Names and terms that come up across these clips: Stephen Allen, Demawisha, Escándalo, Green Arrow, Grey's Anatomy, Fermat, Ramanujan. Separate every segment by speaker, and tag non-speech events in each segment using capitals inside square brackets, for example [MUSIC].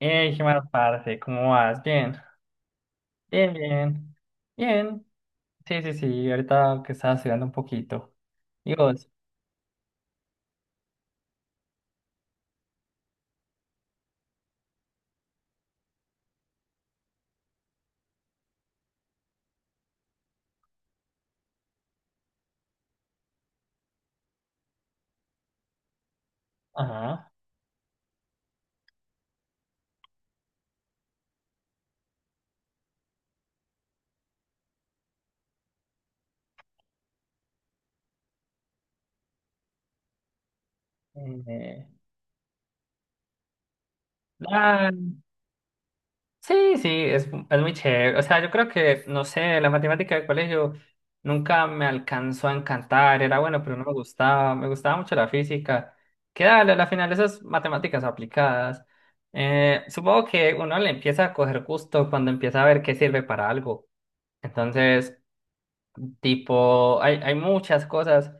Speaker 1: Hey, Gemma, parce, ¿cómo vas? Bien, bien, bien, bien. Sí, sí, sí, ahorita que estaba estudiando un poquito. ¿Y vos? Ajá. Eh, ah, sí, sí, es muy chévere. O sea, yo creo que, no sé, la matemática del colegio nunca me alcanzó a encantar. Era bueno, pero no me gustaba. Me gustaba mucho la física. Que dale, a la final esas matemáticas aplicadas. Supongo que uno le empieza a coger gusto cuando empieza a ver qué sirve para algo. Entonces. Tipo, hay muchas cosas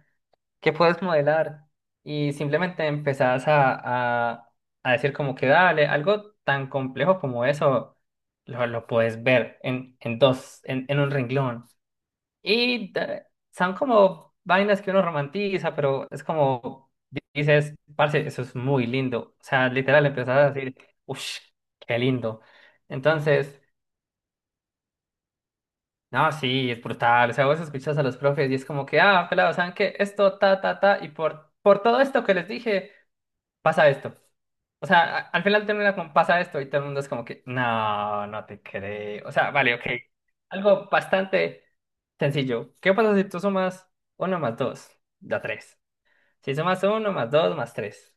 Speaker 1: que puedes modelar y simplemente empezás a decir como que dale, algo tan complejo como eso lo puedes ver en dos, en un renglón. Y son como vainas que uno romantiza, pero es como dices, parce, eso es muy lindo. O sea, literal empezás a decir, uff, qué lindo. Entonces. No, sí, es brutal. O sea, vos escuchas a los profes y es como que, ah, pelado, ¿saben qué? Esto, ta, ta, ta, y por todo esto que les dije, pasa esto. O sea, al final termina con pasa esto y todo el mundo es como que, no, no te creo. O sea, vale, ok. Algo bastante sencillo. ¿Qué pasa si tú sumas uno más dos? Da tres. Si sumas uno más 2 más tres.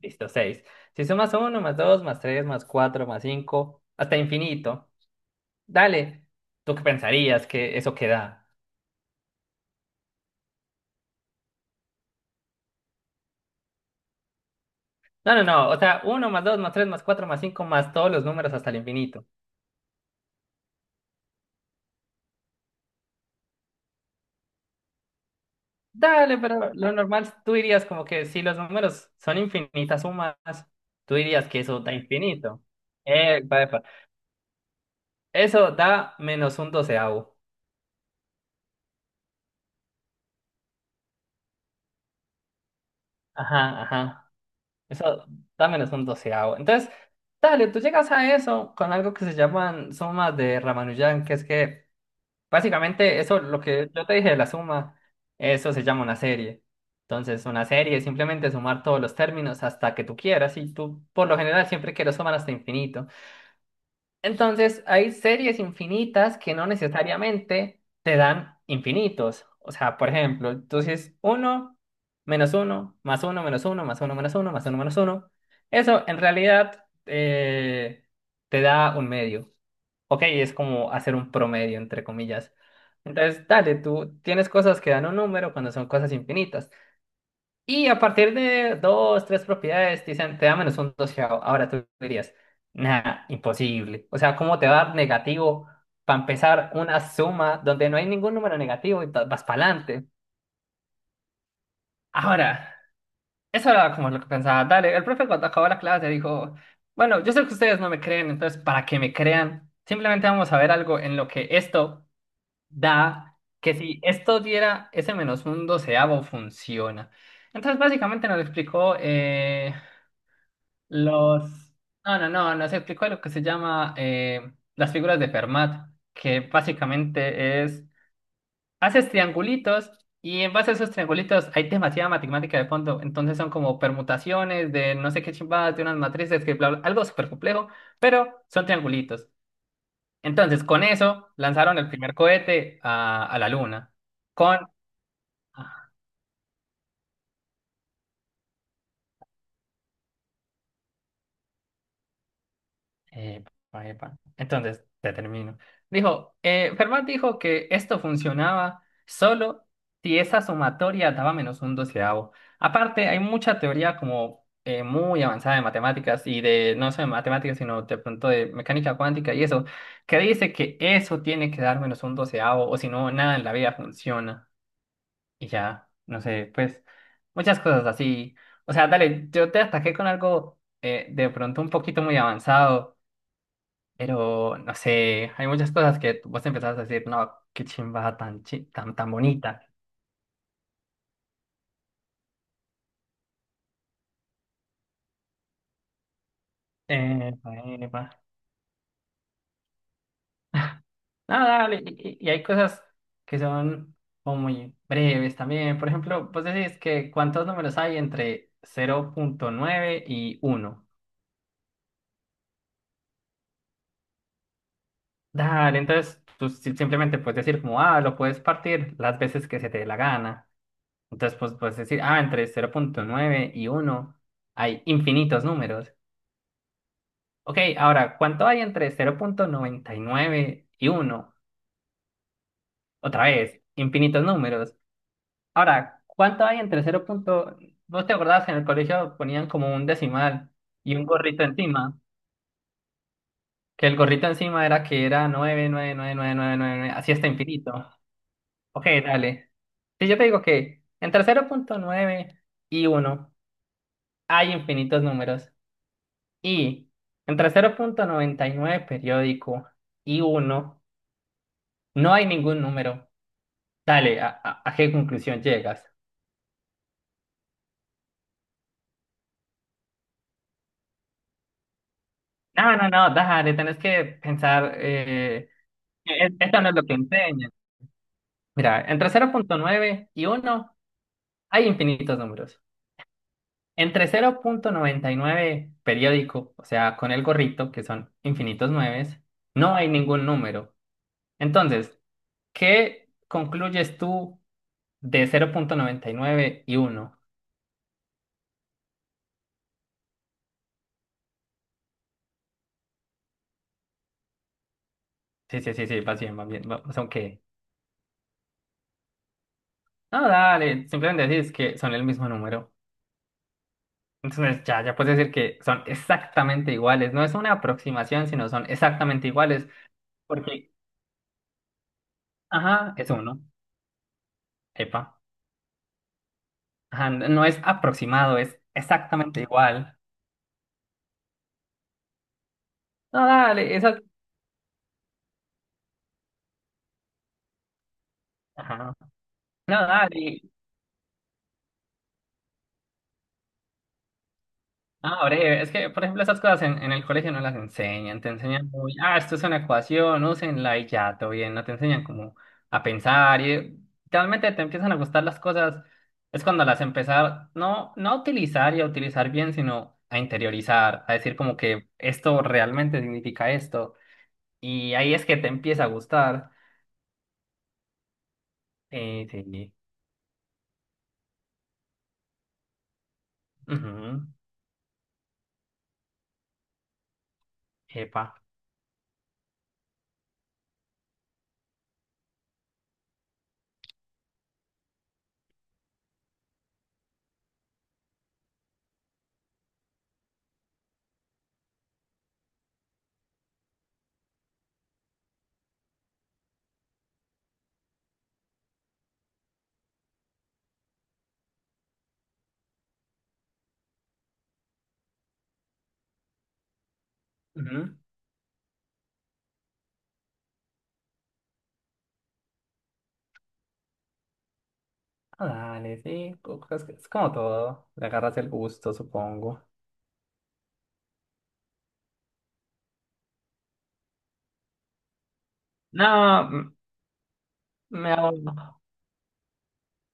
Speaker 1: Listo, seis. Si sumas uno más 2 más 3 más 4 más 5 hasta infinito. Dale, ¿tú qué pensarías que eso queda? No, no, no, o sea, uno más 2 más 3 más 4 más 5 más todos los números hasta el infinito. Dale, pero lo normal, tú dirías como que si los números son infinitas sumas, tú dirías que eso da infinito. Epa, epa. Eso da menos un doceavo. Ajá, ajá. Eso da menos un doceavo. Entonces, dale, tú llegas a eso con algo que se llaman sumas de Ramanujan, que es que, básicamente, eso, lo que yo te dije de la suma, eso se llama una serie. Entonces, una serie es simplemente sumar todos los términos hasta que tú quieras y tú, por lo general, siempre quieres sumar hasta infinito. Entonces, hay series infinitas que no necesariamente te dan infinitos. O sea, por ejemplo, entonces uno menos uno más uno menos uno más uno menos uno más uno menos uno. Eso en realidad te da un medio. Ok, es como hacer un promedio, entre comillas. Entonces, dale, tú tienes cosas que dan un número cuando son cosas infinitas. Y a partir de dos, tres propiedades, dicen, te da menos un doceavo. Ahora tú dirías, nada, imposible. O sea, ¿cómo te va a dar negativo para empezar una suma donde no hay ningún número negativo y vas para adelante? Ahora, eso era como lo que pensaba. Dale, el profe cuando acabó la clase dijo, bueno, yo sé que ustedes no me creen, entonces para que me crean, simplemente vamos a ver algo en lo que esto da, que si esto diera ese menos un doceavo, funciona. Entonces, básicamente nos explicó. Los. No, no, no, nos explicó lo que se llama las figuras de Fermat, que básicamente es, haces triangulitos y en base a esos triangulitos hay demasiada matemática de fondo, entonces son como permutaciones de no sé qué chimbadas, de unas matrices, que bla, bla, algo súper complejo, pero son triangulitos. Entonces, con eso lanzaron el primer cohete a la luna, con... Epa, epa. Entonces, te termino. Dijo, Fermat dijo que esto funcionaba solo si esa sumatoria daba menos un doceavo. Aparte, hay mucha teoría como muy avanzada de matemáticas y de, no solo de matemáticas, sino de pronto de mecánica cuántica y eso, que dice que eso tiene que dar menos un doceavo o si no, nada en la vida funciona. Y ya, no sé, pues muchas cosas así. O sea, dale, yo te ataqué con algo de pronto un poquito muy avanzado. Pero, no sé, hay muchas cosas que vos empezás a decir, no, qué chimba tan bonita. Epa, epa. No, dale, y hay cosas que son como muy breves también. Por ejemplo, vos decís que cuántos números hay entre 0.9 y uno. Dale, entonces tú simplemente puedes decir como, ah, lo puedes partir las veces que se te dé la gana. Entonces, pues puedes decir, ah, entre 0.9 y uno hay infinitos números. Ok, ahora, ¿cuánto hay entre cero punto noventa y nueve y uno? Otra vez, infinitos números. Ahora, ¿cuánto hay entre cero punto- ¿vos te acordás que en el colegio ponían como un decimal y un gorrito encima? Que el gorrito encima era que era nueve nueve nueve nueve nueve nueve nueve así hasta infinito. Ok, dale. Si yo te digo que entre cero punto nueve y uno hay infinitos números y entre cero punto noventa y nueve periódico y uno no hay ningún número. Dale, a qué conclusión llegas? No, no, no, dale, tenés que pensar, esto no es lo que enseñan. Mira, entre cero punto nueve y uno hay infinitos números. Entre cero punto noventa y nueve periódico, o sea, con el gorrito, que son infinitos nueves, no hay ningún número. Entonces, ¿qué concluyes tú de cero punto noventa y nueve y uno? Sí, sí, sí, sí, vas bien, vas bien. No, dale, simplemente decís que son el mismo número. Entonces ya puedes decir que son exactamente iguales. No es una aproximación, sino son exactamente iguales. Porque, ajá, es uno. Epa. Ajá, no es aproximado, es exactamente igual. No, dale, eso. Ajá. No, dale. Ah, breve. Es que, por ejemplo, esas cosas en el colegio no las enseñan. Te enseñan muy, ah, esto es una ecuación, úsenla y ya, todo bien. No te enseñan como a pensar y realmente te empiezan a gustar las cosas. Es cuando las empezar, no, no a utilizar y a utilizar bien, sino a interiorizar, a decir como que esto realmente significa esto. Y ahí es que te empieza a gustar. Sí, sí. Ujú. Epa. Ujú. Ah, dale, sí. Es como todo. Le agarras el gusto, supongo. No, me abur-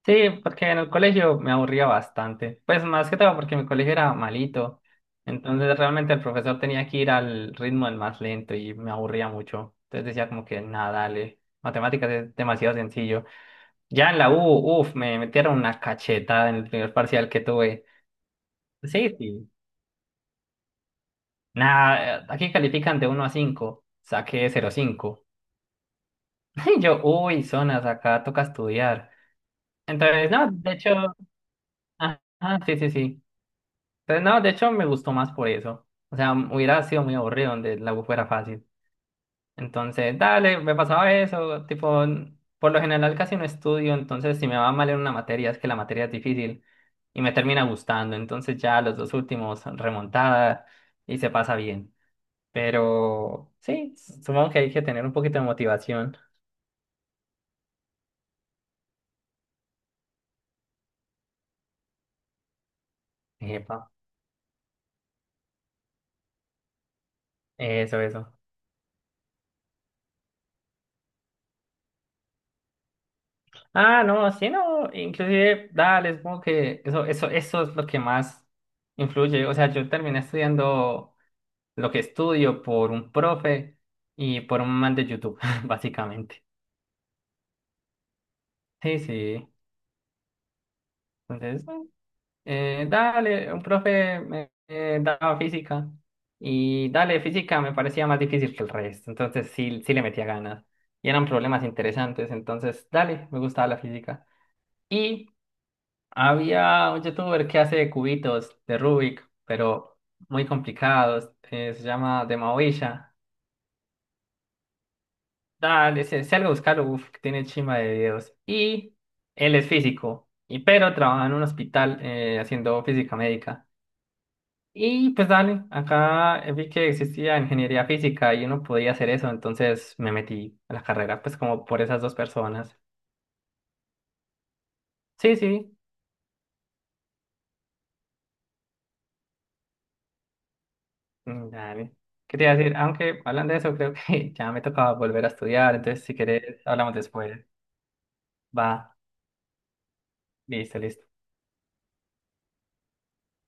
Speaker 1: sí, porque en el colegio me aburría bastante. Pues más que todo porque mi colegio era malito. Entonces realmente el profesor tenía que ir al ritmo del más lento y me aburría mucho. Entonces decía como que nada, dale. Matemáticas es demasiado sencillo. Ya en la U, uff, me metieron una cachetada en el primer parcial que tuve. Sí, sí. Nada, aquí califican de 1 a cinco. Saqué 0,5. [LAUGHS] Y yo, uy, zonas, acá toca estudiar. Entonces, no, de hecho. Ah, ah, sí, sí, sí. Entonces, no, de hecho me gustó más por eso. O sea, hubiera sido muy aburrido donde la U fuera fácil. Entonces, dale, me pasaba eso. Tipo, por lo general casi no estudio, entonces si me va mal en una materia es que la materia es difícil y me termina gustando. Entonces ya los dos últimos remontada y se pasa bien. Pero sí, supongo que hay que tener un poquito de motivación. Epa, eso, eso. Ah, no, sí, no, inclusive, dale, supongo que eso es lo que más influye. O sea, yo terminé estudiando lo que estudio por un profe y por un man de YouTube, [LAUGHS] básicamente. Sí, sí. Entonces, bueno, dale, un profe me daba física y dale, física me parecía más difícil que el resto, entonces sí, sí le metía ganas y eran problemas interesantes, entonces dale, me gustaba la física. Y había un youtuber que hace cubitos de Rubik, pero muy complicados. Se llama Demawisha. Dale, si algo buscarlo, uf, que tiene chimba de videos. Y él es físico, y pero trabaja en un hospital haciendo física médica. Y pues dale, acá vi que existía ingeniería física y uno podía hacer eso, entonces me metí a la carrera, pues como por esas dos personas. Sí, sí. Mm, dale. ¿Qué te iba a decir, aunque hablando de eso, creo que [LAUGHS] ya me tocaba volver a estudiar, entonces si querés, hablamos después? Va, listo, listo.